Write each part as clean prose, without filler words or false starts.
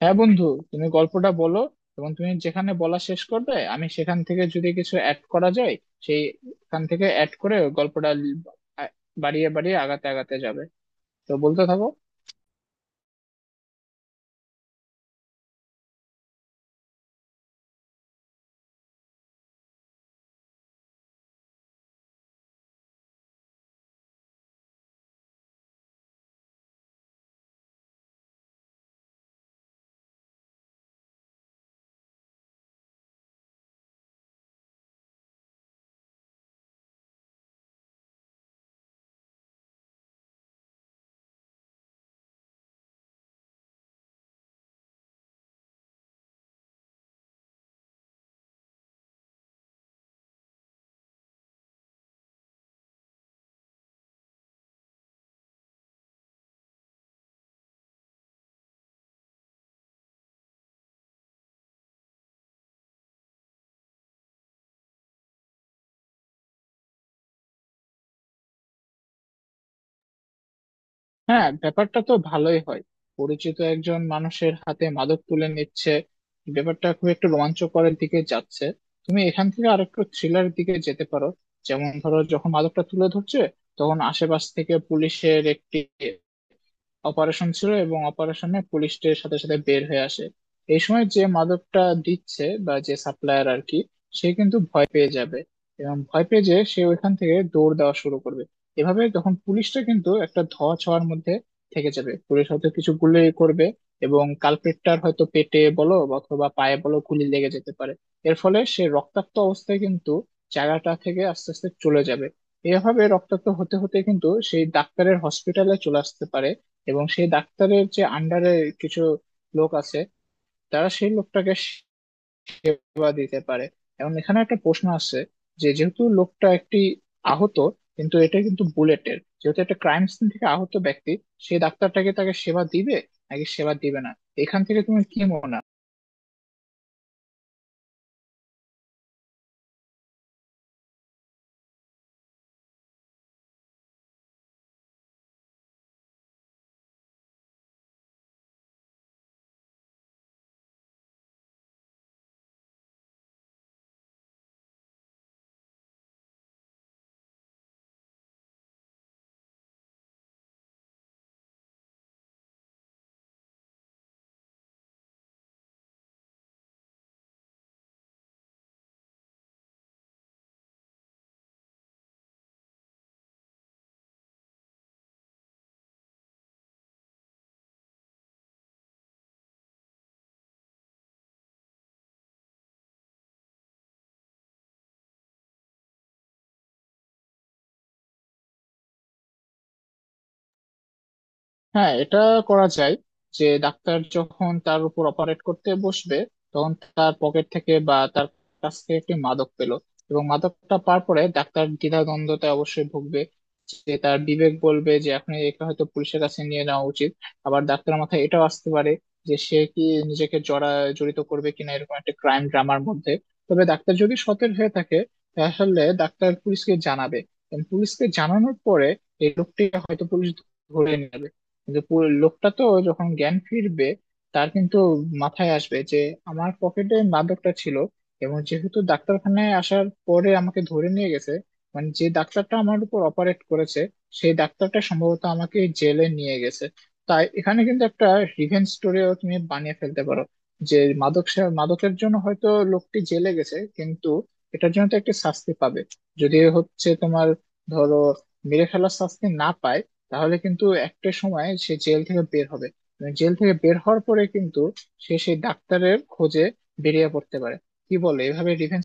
হ্যাঁ বন্ধু, তুমি গল্পটা বলো, এবং তুমি যেখানে বলা শেষ করবে আমি সেখান থেকে যদি কিছু অ্যাড করা যায়, সেইখান থেকে অ্যাড করে গল্পটা আ- বাড়িয়ে বাড়িয়ে আগাতে আগাতে যাবে। তো বলতে থাকো। হ্যাঁ, ব্যাপারটা তো ভালোই হয়। পরিচিত একজন মানুষের হাতে মাদক তুলে নিচ্ছে, ব্যাপারটা খুব একটু রোমাঞ্চকরের দিকে যাচ্ছে। তুমি এখান থেকে আর একটু থ্রিলার দিকে যেতে পারো। যেমন ধরো, যখন মাদকটা তুলে ধরছে, তখন আশেপাশ থেকে পুলিশের একটি অপারেশন ছিল এবং অপারেশনে পুলিশদের সাথে সাথে বের হয়ে আসে। এই সময় যে মাদকটা দিচ্ছে বা যে সাপ্লায়ার আর কি, সে কিন্তু ভয় পেয়ে যাবে, এবং ভয় পেয়ে যে সে ওইখান থেকে দৌড় দেওয়া শুরু করবে। এভাবে তখন পুলিশটা কিন্তু একটা ধোঁয়া ছোঁয়ার মধ্যে থেকে যাবে, পুলিশ হয়তো কিছু গুলি করবে, এবং কালপেটটার হয়তো পেটে বলো বা অথবা পায়ে বলো গুলি লেগে যেতে পারে। এর ফলে সে রক্তাক্ত অবস্থায় কিন্তু জায়গাটা থেকে আস্তে আস্তে চলে যাবে। এভাবে রক্তাক্ত হতে হতে কিন্তু সেই ডাক্তারের হসপিটালে চলে আসতে পারে। এবং সেই ডাক্তারের যে আন্ডারে কিছু লোক আছে, তারা সেই লোকটাকে সেবা দিতে পারে। এবং এখানে একটা প্রশ্ন আছে, যে যেহেতু লোকটা একটি আহত, কিন্তু এটা কিন্তু বুলেটের যেহেতু একটা ক্রাইম সিন থেকে আহত ব্যক্তি, সেই ডাক্তারটাকে তাকে সেবা দিবে নাকি সেবা দিবে না? এখান থেকে তুমি কি মনে হয়? হ্যাঁ, এটা করা যায়। যে ডাক্তার যখন তার উপর অপারেট করতে বসবে, তখন তার পকেট থেকে বা তার কাছ থেকে একটি মাদক পেল। এবং মাদকটা পাওয়ার পরে ডাক্তার দ্বিধাদ্বন্দ্বতে অবশ্যই ভুগবে, যে তার বিবেক বলবে যে এখন এটা হয়তো পুলিশের কাছে নিয়ে নেওয়া উচিত। আবার ডাক্তারের মাথায় এটাও আসতে পারে যে সে কি নিজেকে জড়িত করবে কিনা এরকম একটা ক্রাইম ড্রামার মধ্যে। তবে ডাক্তার যদি সতের হয়ে থাকে, তাহলে ডাক্তার পুলিশকে জানাবে। এবং পুলিশকে জানানোর পরে এই লোকটি হয়তো পুলিশ ধরে নিল। কিন্তু পুরো লোকটা তো যখন জ্ঞান ফিরবে, তার কিন্তু মাথায় আসবে যে আমার পকেটে মাদকটা ছিল, এবং যেহেতু ডাক্তারখানায় আসার পরে আমাকে ধরে নিয়ে গেছে, মানে যে ডাক্তারটা আমার উপর অপারেট করেছে সেই ডাক্তারটা সম্ভবত আমাকে জেলে নিয়ে গেছে। তাই এখানে কিন্তু একটা রিভেঞ্জ স্টোরিও তুমি বানিয়ে ফেলতে পারো। যে মাদক মাদকের জন্য হয়তো লোকটি জেলে গেছে, কিন্তু এটার জন্য তো একটা শাস্তি পাবে। যদি হচ্ছে তোমার ধরো মেরে ফেলার শাস্তি না পায়, তাহলে কিন্তু একটা সময় সে জেল থেকে বের হবে। মানে জেল থেকে বের হওয়ার পরে কিন্তু সে সেই ডাক্তারের খোঁজে বেরিয়ে পড়তে পারে। কি বলে এভাবে রিভেঞ্জ।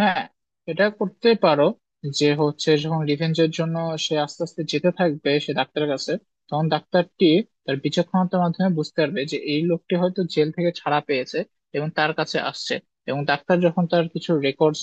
হ্যাঁ, এটা করতে পারো। যে হচ্ছে যখন রিভেঞ্জের জন্য সে আস্তে আস্তে যেতে থাকবে, সে ডাক্তারের কাছে, তখন ডাক্তারটি তার বিচক্ষণতার মাধ্যমে বুঝতে পারবে যে এই লোকটি হয়তো জেল থেকে ছাড়া পেয়েছে এবং তার কাছে আসছে। এবং ডাক্তার যখন তার কিছু রেকর্ডস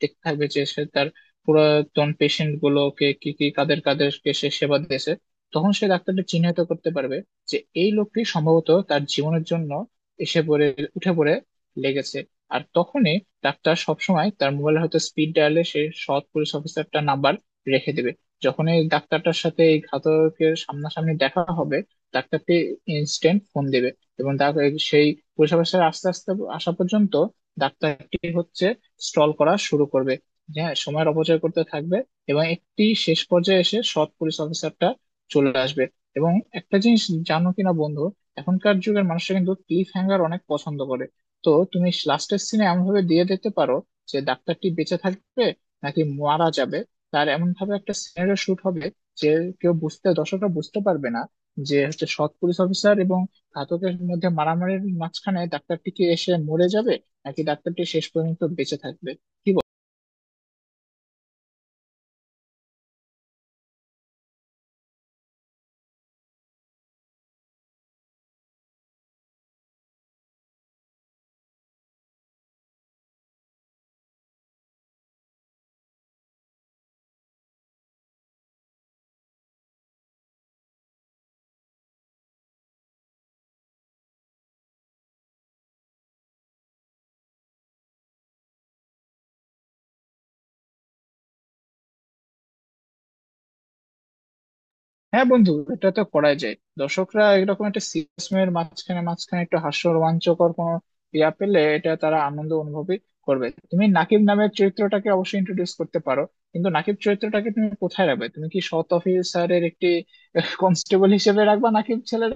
দেখতে থাকবে, যে সে তার পুরাতন পেশেন্ট গুলোকে কি কি কাদের কাদেরকে সে সেবা দিয়েছে, তখন সে ডাক্তারটা চিহ্নিত করতে পারবে যে এই লোকটি সম্ভবত তার জীবনের জন্য এসে পড়ে উঠে পড়ে লেগেছে। আর তখনই ডাক্তার সবসময় তার মোবাইলে হয়তো স্পিড ডায়ালে সে সৎ পুলিশ অফিসারটার নাম্বার রেখে দেবে। যখন এই ডাক্তারটার সাথে এই ঘাতকের সামনাসামনি দেখা হবে, ডাক্তারটি ইনস্ট্যান্ট ফোন দেবে, এবং তাকে সেই পুলিশ অফিসার আস্তে আস্তে আসা পর্যন্ত ডাক্তারটি হচ্ছে স্টল করা শুরু করবে, যে হ্যাঁ, সময়ের অপচয় করতে থাকবে। এবং একটি শেষ পর্যায়ে এসে সৎ পুলিশ অফিসারটা চলে আসবে। এবং একটা জিনিস জানো কিনা বন্ধু, এখনকার যুগের মানুষরা কিন্তু ক্লিফ হ্যাঙ্গার অনেক পছন্দ করে। তো তুমি লাস্টের সিনে এমন ভাবে দিয়ে দিতে পারো যে ডাক্তারটি বেঁচে থাকবে নাকি মারা যাবে, তার এমন ভাবে একটা সিনারিও শুট হবে যে কেউ বুঝতে দর্শকরা বুঝতে পারবে না যে হচ্ছে সৎ পুলিশ অফিসার এবং ঘাতকের মধ্যে মারামারির মাঝখানে ডাক্তারটি কি এসে মরে যাবে নাকি ডাক্তারটি শেষ পর্যন্ত বেঁচে থাকবে। কি। হ্যাঁ বন্ধু, এটা তো করাই যায়। দর্শকরা এরকম একটা সিরিয়াস মুভের মাঝখানে মাঝখানে একটু হাস্য রোমাঞ্চকর কোনো ইয়া পেলে এটা তারা আনন্দ অনুভবই করবে। তুমি নাকিব নামের চরিত্রটাকে অবশ্যই ইন্ট্রোডিউস করতে পারো। কিন্তু নাকিব চরিত্রটাকে তুমি কোথায় রাখবে? তুমি কি সৎ অফিসারের একটি কনস্টেবল হিসেবে রাখবা নাকিব ছেলের,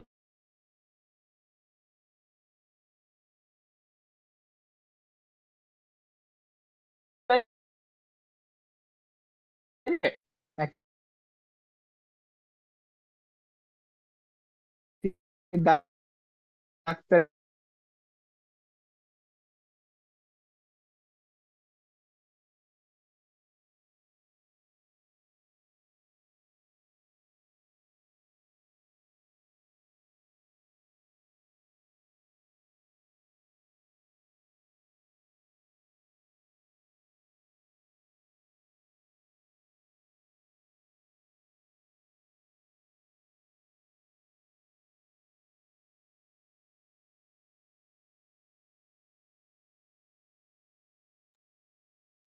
নাকি ডাক্তার?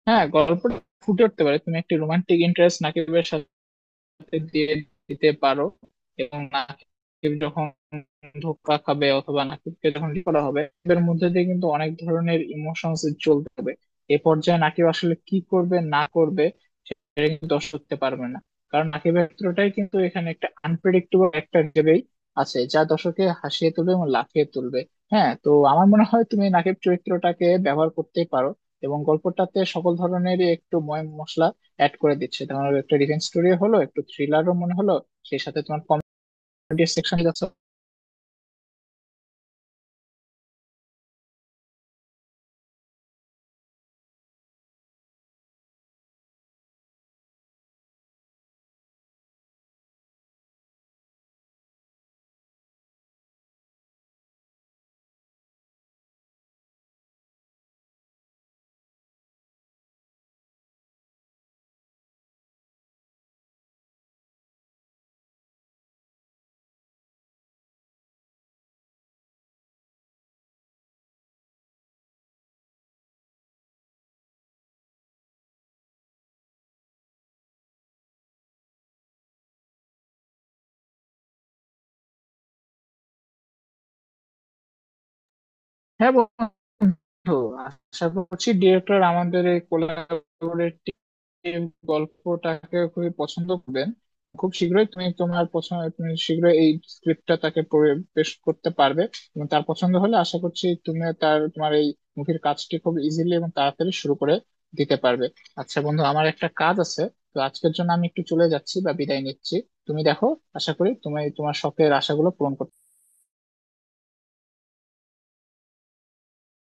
হ্যাঁ, গল্পটা ফুটে উঠতে পারে। তুমি একটি রোমান্টিক ইন্টারেস্ট নাকিবের সাথে হাতে দিয়ে দিতে পারো। এবং নাকিব যখন ধোকা খাবে অথবা নাকিবকে যখন ঠিক করা হবে, এর মধ্যে দিয়ে কিন্তু অনেক ধরনের ইমোশনস চলতে হবে। এ পর্যায়ে নাকিব আসলে কি করবে না করবে সেটা কিন্তু দর্শক করতে পারবে না, কারণ নাকিবের ক্ষেত্রটাই কিন্তু এখানে একটা আনপ্রেডিক্টেবল একটা হিসেবেই আছে, যা দর্শককে হাসিয়ে তুলবে এবং লাফিয়ে তুলবে। হ্যাঁ, তো আমার মনে হয় তুমি নাকিব চরিত্রটাকে ব্যবহার করতেই পারো, এবং গল্পটাতে সকল ধরনেরই একটু ময় মশলা অ্যাড করে দিচ্ছে। তোমার একটা ডিফেন্স স্টোরি হলো, একটু থ্রিলারও মনে হলো, সেই সাথে তোমার কমেডি সেকশন যাচ্ছে। হ্যাঁ বন্ধু, আশা করছি ডিরেক্টর আমাদের এই এই গল্পটাকে খুবই পছন্দ করবেন। খুব শীঘ্রই তুমি তোমার পছন্দ তুমি শীঘ্রই এই স্ক্রিপ্টটা তাকে পেশ করতে পারবে, এবং তার পছন্দ হলে আশা করছি তুমি তার তোমার এই মুভির কাজটি খুব ইজিলি এবং তাড়াতাড়ি শুরু করে দিতে পারবে। আচ্ছা বন্ধু, আমার একটা কাজ আছে, তো আজকের জন্য আমি একটু চলে যাচ্ছি বা বিদায় নিচ্ছি। তুমি দেখো, আশা করি তুমি তোমার শখের আশাগুলো পূরণ করতে